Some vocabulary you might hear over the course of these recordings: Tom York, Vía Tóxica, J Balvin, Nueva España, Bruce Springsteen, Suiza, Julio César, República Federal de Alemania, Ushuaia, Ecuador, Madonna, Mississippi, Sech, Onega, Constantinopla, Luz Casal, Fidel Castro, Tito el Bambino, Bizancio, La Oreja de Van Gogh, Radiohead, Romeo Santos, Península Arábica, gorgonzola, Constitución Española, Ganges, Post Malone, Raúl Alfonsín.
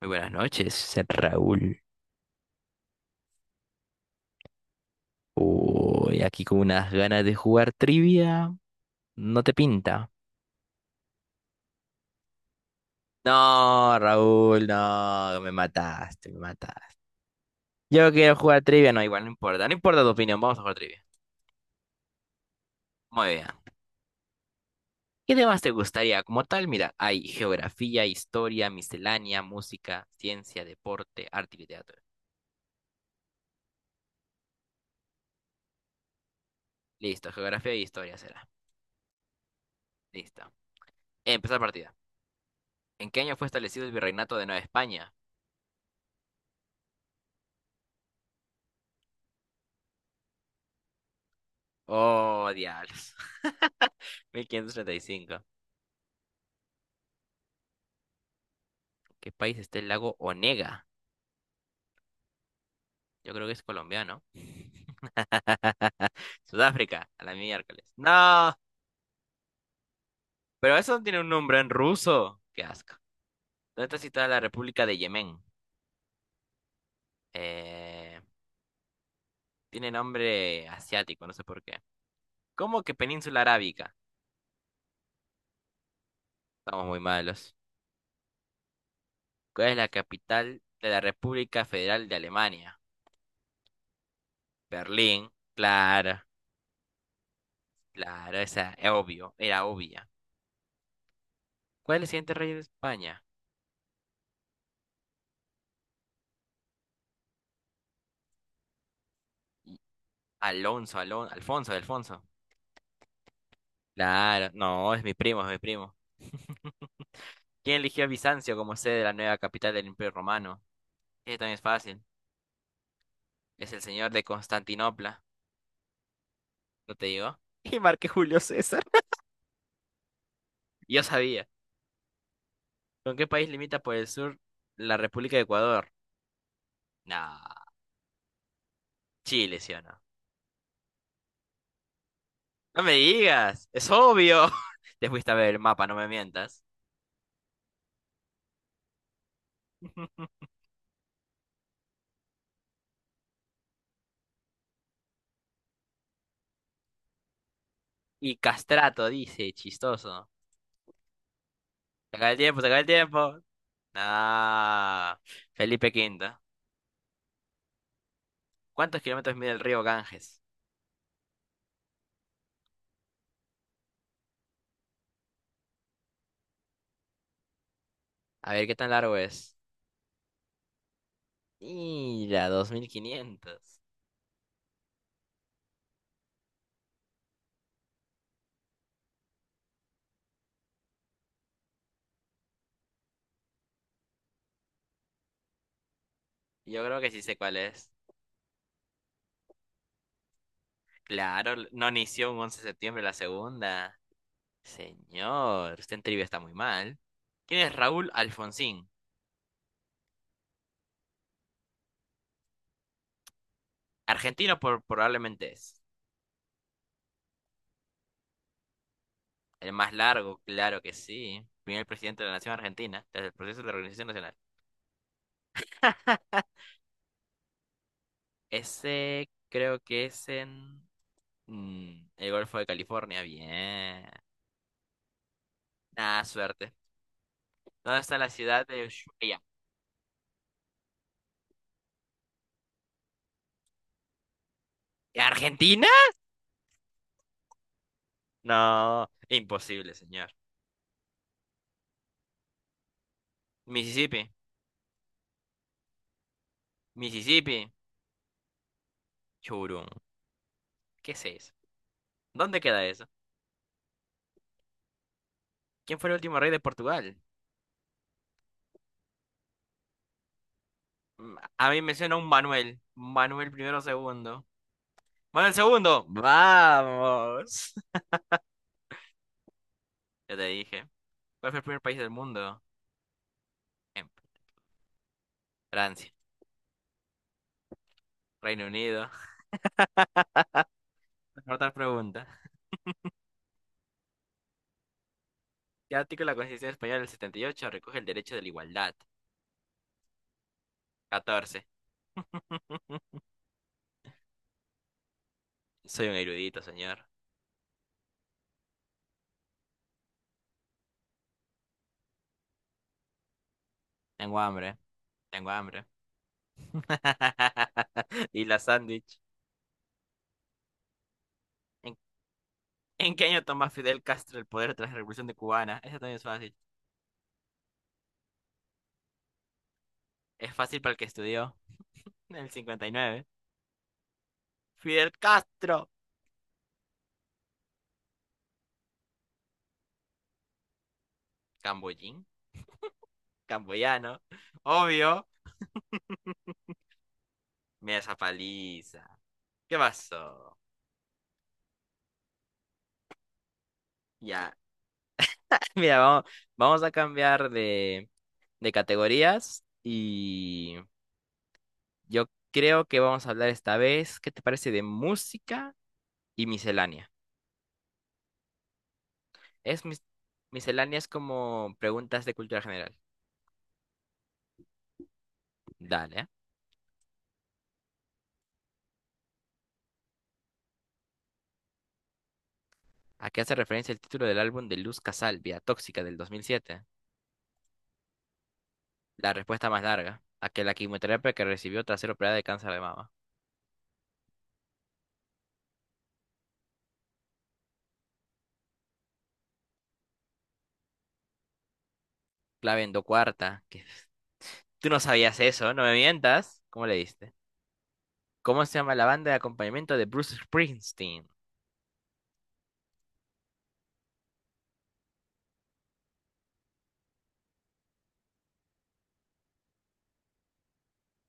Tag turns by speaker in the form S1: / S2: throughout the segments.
S1: Muy buenas noches, ser Raúl. Uy, aquí con unas ganas de jugar trivia. No te pinta. No, Raúl, no, me mataste, me mataste. Yo quiero jugar trivia, no, igual no importa, no importa tu opinión, vamos a jugar trivia. Muy bien. ¿Qué temas te gustaría como tal? Mira, hay geografía, historia, miscelánea, música, ciencia, deporte, arte y literatura. Listo, geografía y historia será. Listo. Empezar partida. ¿En qué año fue establecido el virreinato de Nueva España? Oh, diablos. 1535. ¿Qué país está el lago Onega? Yo creo que es colombiano. Sudáfrica, a la miércoles. No, pero eso no tiene un nombre en ruso. Qué asco. ¿Dónde está situada la República de Yemen? Eh, tiene nombre asiático, no sé por qué. ¿Cómo que Península Arábica? Estamos muy malos. ¿Cuál es la capital de la República Federal de Alemania? Berlín. Claro, claro, esa es obvio, era obvia. ¿Cuál es el siguiente rey de España? Alonso, Alonso, Alfonso, Alfonso. Claro, no, es mi primo, es mi primo. ¿Quién eligió a Bizancio como sede de la nueva capital del Imperio Romano? Este también es fácil. Es el señor de Constantinopla. ¿No te digo? Y marqué Julio César. Yo sabía. ¿Con qué país limita por el sur la República de Ecuador? Nah, Chile, ¿sí o no? No me digas, es obvio. Te fuiste a ver el mapa, no me mientas. Y Castrato dice, chistoso. Se acaba el tiempo, se acaba el tiempo. Nah, Felipe V. ¿Cuántos kilómetros mide el río Ganges? A ver qué tan largo es. Mira, 2.500. Yo creo que sí sé cuál es. Claro, no inició un 11 de septiembre la segunda. Señor, usted en trivia está muy mal. ¿Quién es Raúl Alfonsín? Argentino por, probablemente es. El más largo, claro que sí. Primer presidente de la Nación Argentina desde el proceso de la Organización Nacional. Ese creo que es en el Golfo de California. Bien. Nada, suerte. ¿Dónde está la ciudad de Ushuaia? ¿Argentina? No, imposible, señor. Mississippi, Mississippi, Churum. ¿Qué es eso? ¿Dónde queda eso? ¿Quién fue el último rey de Portugal? A mí me suena un Manuel. Manuel primero, segundo. Manuel segundo. Vamos. Ya te dije. ¿Cuál fue el primer país del mundo? Em, Francia, Reino Unido. Otra pregunta. ¿Qué artículo de la Constitución Española del 78 recoge el derecho de la igualdad? 14. Soy un erudito, señor. Tengo hambre, tengo hambre. Y la sándwich. ¿En, en qué año toma Fidel Castro el poder tras la Revolución de Cubana? Eso también es fácil. Es fácil para el que estudió. En el 59. Fidel Castro. Camboyín. Camboyano. Obvio. Mira esa paliza. ¿Qué pasó? Ya. Mira, vamos, vamos a cambiar de categorías. Y yo creo que vamos a hablar esta vez, ¿qué te parece de música y miscelánea? Es misceláneas como preguntas de cultura general. Dale. ¿Eh? ¿A qué hace referencia el título del álbum de Luz Casal, Vía Tóxica, del 2007? La respuesta más larga. A que la quimioterapia que recibió tras ser operada de cáncer de mama. Clave endocuarta. Que... Tú no sabías eso, no me mientas. ¿Cómo le diste? ¿Cómo se llama la banda de acompañamiento de Bruce Springsteen?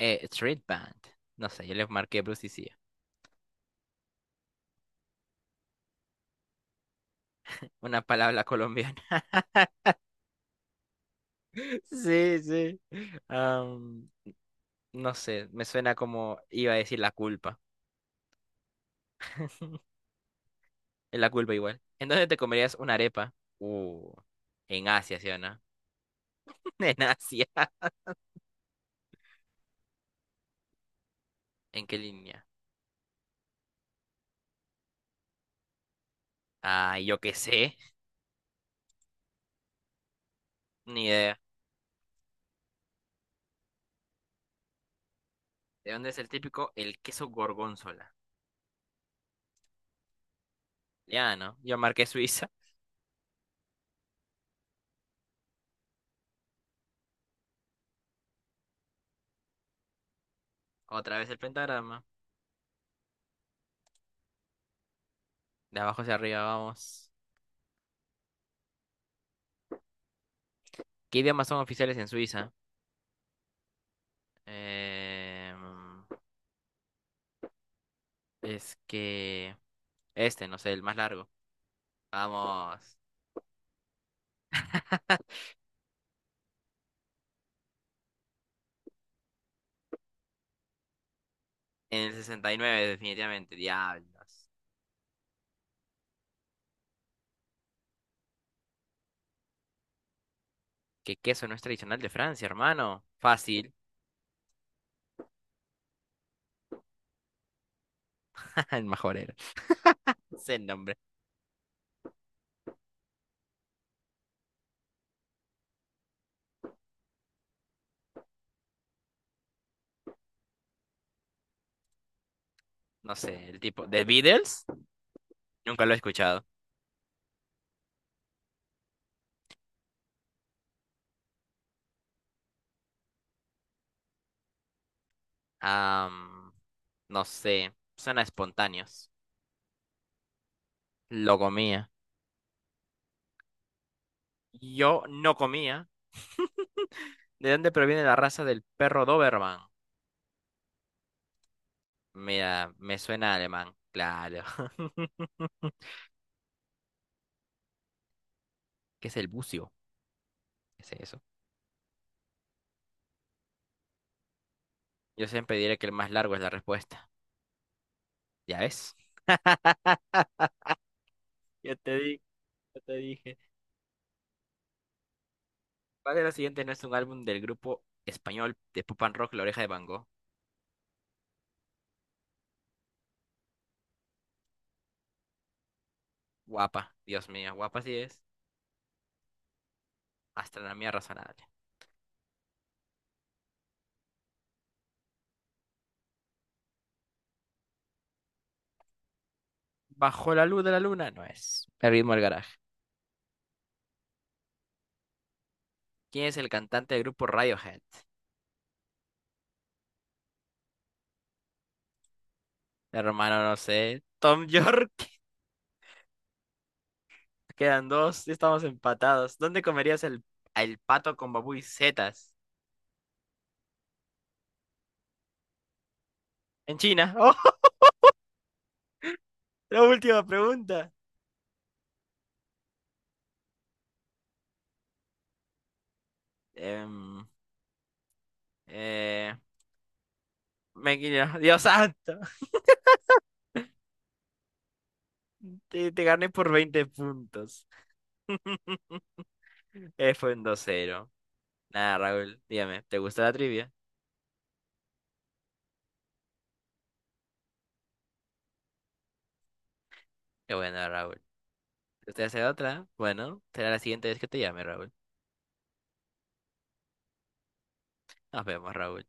S1: Street Band. No sé, yo le marqué Bruce y sí. Una palabra colombiana. Sí, sí. No sé, me suena como iba a decir la culpa. Es la culpa igual. Entonces te comerías una arepa. Uh, en Asia, ¿sí o no? En Asia. ¿En qué línea? Ah, yo qué sé. Ni idea. ¿De dónde es el típico? El queso gorgonzola. Ya, ¿no? Yo marqué Suiza. Otra vez el pentagrama. De abajo hacia arriba, vamos. ¿Qué idiomas son oficiales en Suiza? Eh, es que... Este, no sé, el más largo. Vamos. En el 69, definitivamente. Diablos. Que queso no es tradicional de Francia, hermano. Fácil. El mejor era. Sé el nombre. No sé, el tipo. ¿The Beatles? Nunca lo he escuchado. Am, no sé. Suena espontáneos. Lo comía. Yo no comía. ¿De dónde proviene la raza del perro Doberman? Mira, me suena a alemán. Claro. ¿Qué es el bucio? ¿Qué es eso? Yo siempre diré que el más largo es la respuesta. ¿Ya ves? Ya te di, ya te dije. ¿Cuál de los siguientes no es un álbum del grupo español de pop and rock La Oreja de Van Gogh? Guapa, Dios mío, guapa sí es. Astronomía razonable. Bajo la luz de la luna no es. El ritmo del garaje. ¿Quién es el cantante del grupo Radiohead? Hermano, no sé. Tom York. Quedan dos, ya estamos empatados. ¿Dónde comerías el pato con babú y setas? En China. ¡Oh! La última pregunta. Em, eh, me guiño. Dios santo. Te gané por 20 puntos. Fue un 2-0. Nada, Raúl, dígame, ¿te gusta la trivia? Qué bueno, Raúl. ¿Usted hace otra? Bueno, será la siguiente vez que te llame, Raúl. Nos vemos, Raúl.